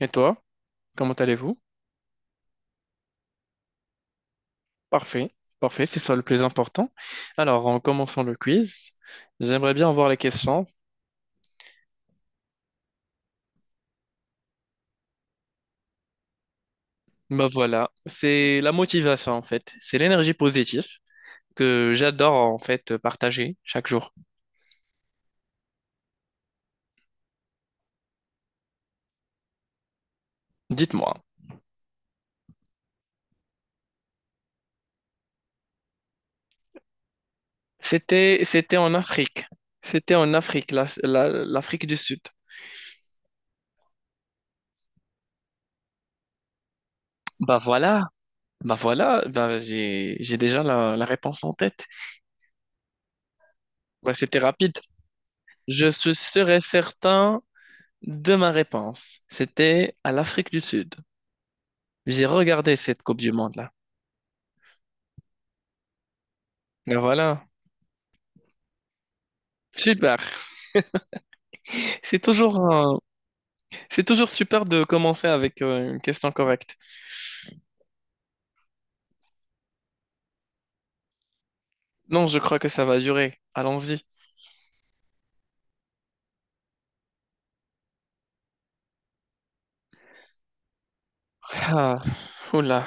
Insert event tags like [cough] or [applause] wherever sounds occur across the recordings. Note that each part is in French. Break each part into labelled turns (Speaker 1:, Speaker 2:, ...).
Speaker 1: Et toi, comment allez-vous? Parfait, parfait, c'est ça le plus important. Alors, en commençant le quiz, j'aimerais bien avoir les questions. Bah voilà, c'est la motivation en fait, c'est l'énergie positive que j'adore en fait partager chaque jour. Dites-moi, c'était en Afrique, c'était en Afrique, l'Afrique du Sud. Bah voilà, bah voilà, bah j'ai déjà la réponse en tête. Bah c'était rapide. Je suis sûr et certain de ma réponse. C'était à l'Afrique du Sud. J'ai regardé cette Coupe du Monde-là. Et voilà. Super. C'est toujours, euh, c'est toujours super de commencer avec une question correcte. Non, je crois que ça va durer. Allons-y. Ah, oula.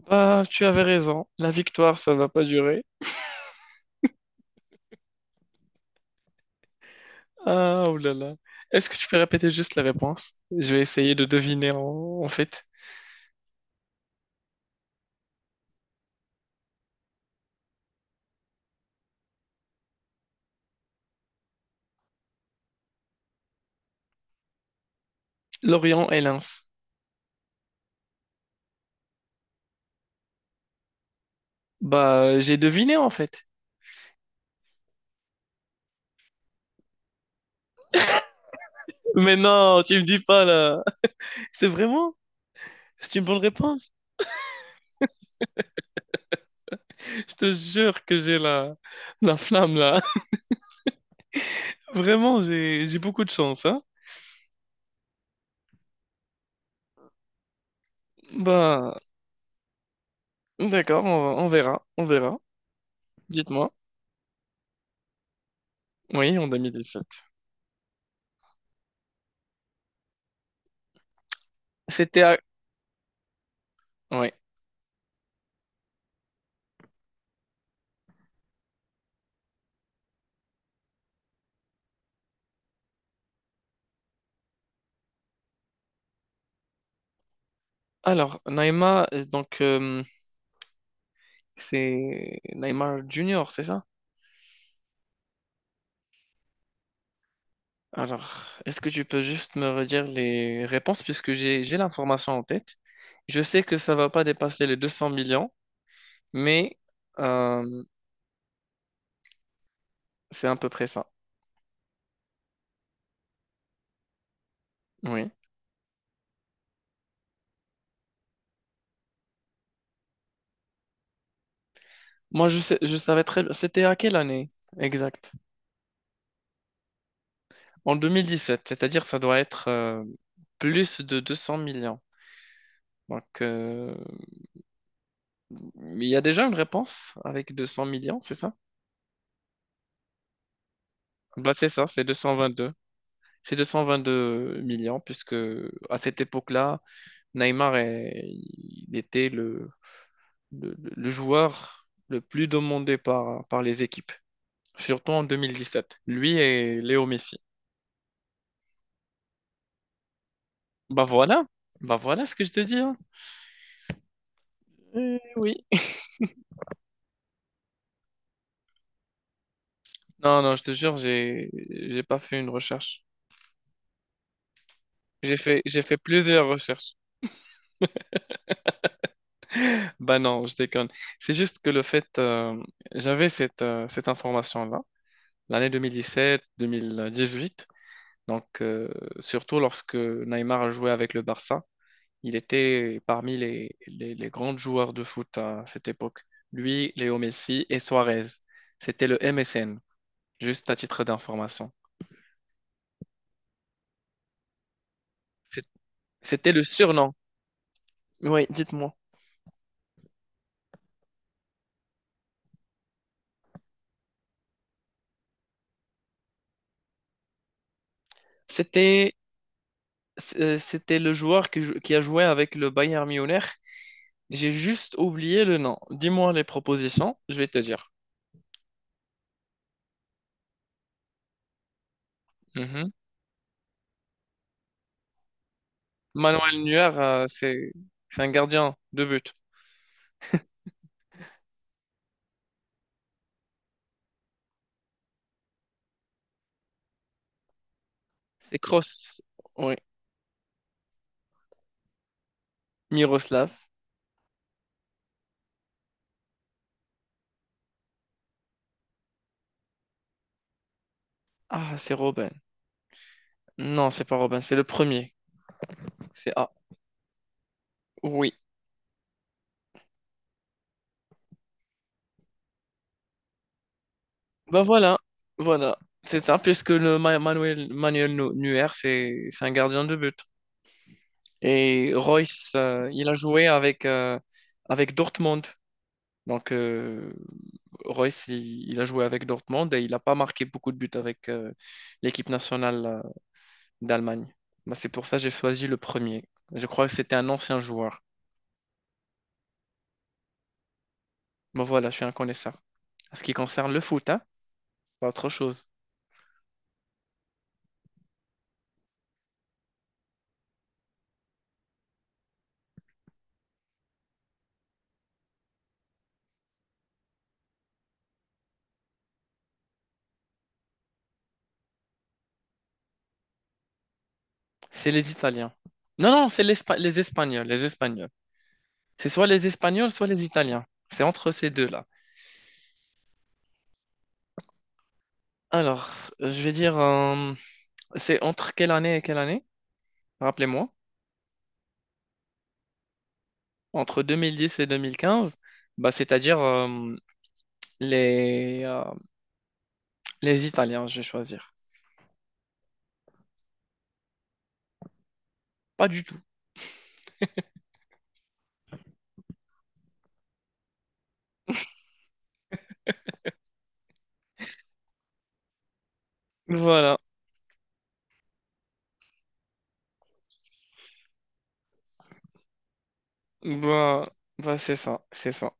Speaker 1: Bah, tu avais raison. La victoire, ça va pas durer. Ah, oulala. Est-ce que tu peux répéter juste la réponse? Je vais essayer de deviner en fait. Lorient et Lens. Bah, j'ai deviné en fait. Mais non, tu me dis pas là. C'est vraiment? C'est une bonne réponse. Je te jure que j'ai la flamme là. [laughs] Vraiment, j'ai beaucoup de chance, hein. Bah, d'accord, on verra, on verra. Dites-moi. Oui, en 2017. C'était à... Ouais. Alors, Naïma, donc, c'est Neymar Junior, c'est ça? Alors, est-ce que tu peux juste me redire les réponses puisque j'ai l'information en tête. Je sais que ça va pas dépasser les 200 millions, mais euh, c'est à peu près ça. Oui. Moi, je sais, je savais très bien. C'était à quelle année exact? En 2017, c'est-à-dire ça doit être plus de 200 millions. Donc, il y a déjà une réponse avec 200 millions, c'est ça? Bah, c'est ça, c'est 222. C'est 222 millions, puisque à cette époque-là, il était le joueur le plus demandé par, par les équipes, surtout en 2017. Lui et Léo Messi. Bah voilà, bah voilà ce que je te dis. Hein. Oui. Non, non, je te jure, j'ai pas fait une recherche. J'ai fait plusieurs recherches. [laughs] Bah non, je déconne. C'est juste que le fait j'avais cette cette information-là, l'année 2017, 2018. Donc surtout lorsque Neymar a joué avec le Barça, il était parmi les grands joueurs de foot à cette époque. Lui, Léo Messi et Suarez. C'était le MSN, juste à titre d'information. C'est- C'était le surnom. Oui, dites-moi. C'était C'était le joueur qui, qui a joué avec le Bayern Munich. J'ai juste oublié le nom. Dis-moi les propositions, je vais te dire. Mhm. Manuel Neuer, c'est un gardien de but. C'est Kroos. Oui. Miroslav. Ah, c'est Robin. Non, c'est pas Robin, c'est le premier. C'est A. Oui. Ben voilà, voilà. C'est ça, puisque Manuel, Neuer, c'est un gardien de but. Et Royce, il a joué avec, avec Dortmund. Donc, Royce, il a joué avec Dortmund et il n'a pas marqué beaucoup de buts avec l'équipe nationale d'Allemagne. Bah, c'est pour ça que j'ai choisi le premier. Je crois que c'était un ancien joueur. Mais voilà, je suis un connaisseur. En ce qui concerne le foot, hein, pas autre chose. C'est les Italiens. Non, non, les Espagnols, les Espagnols. C'est soit les Espagnols, soit les Italiens. C'est entre ces deux-là. Alors, je vais dire, c'est entre quelle année et quelle année? Rappelez-moi. Entre 2010 et 2015, bah, c'est-à-dire les, les Italiens, je vais choisir. Pas du tout. Voilà. Bah, bah, c'est ça, c'est ça.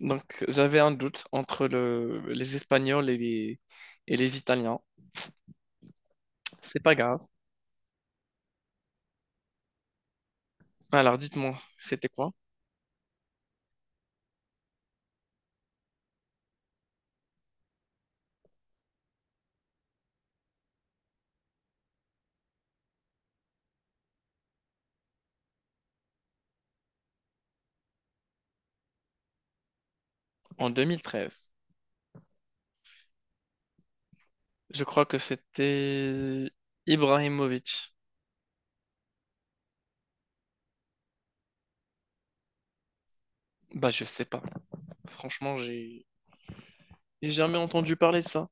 Speaker 1: Donc, j'avais un doute entre les Espagnols et et les Italiens. C'est pas grave. Alors, dites-moi, c'était quoi? En 2013, je crois que c'était Ibrahimovic. Bah, je sais pas. Franchement, j'ai jamais entendu parler de ça.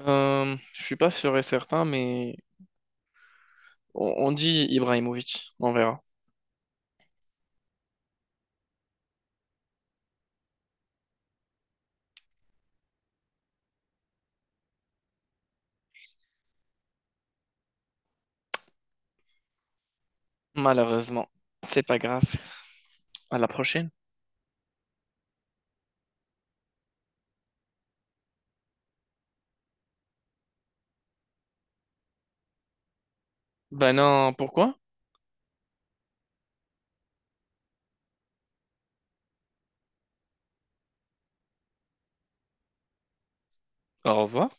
Speaker 1: Je suis pas sûr et certain, mais on dit Ibrahimovic. On verra. Malheureusement, c'est pas grave. À la prochaine. Ben non, pourquoi? Au revoir.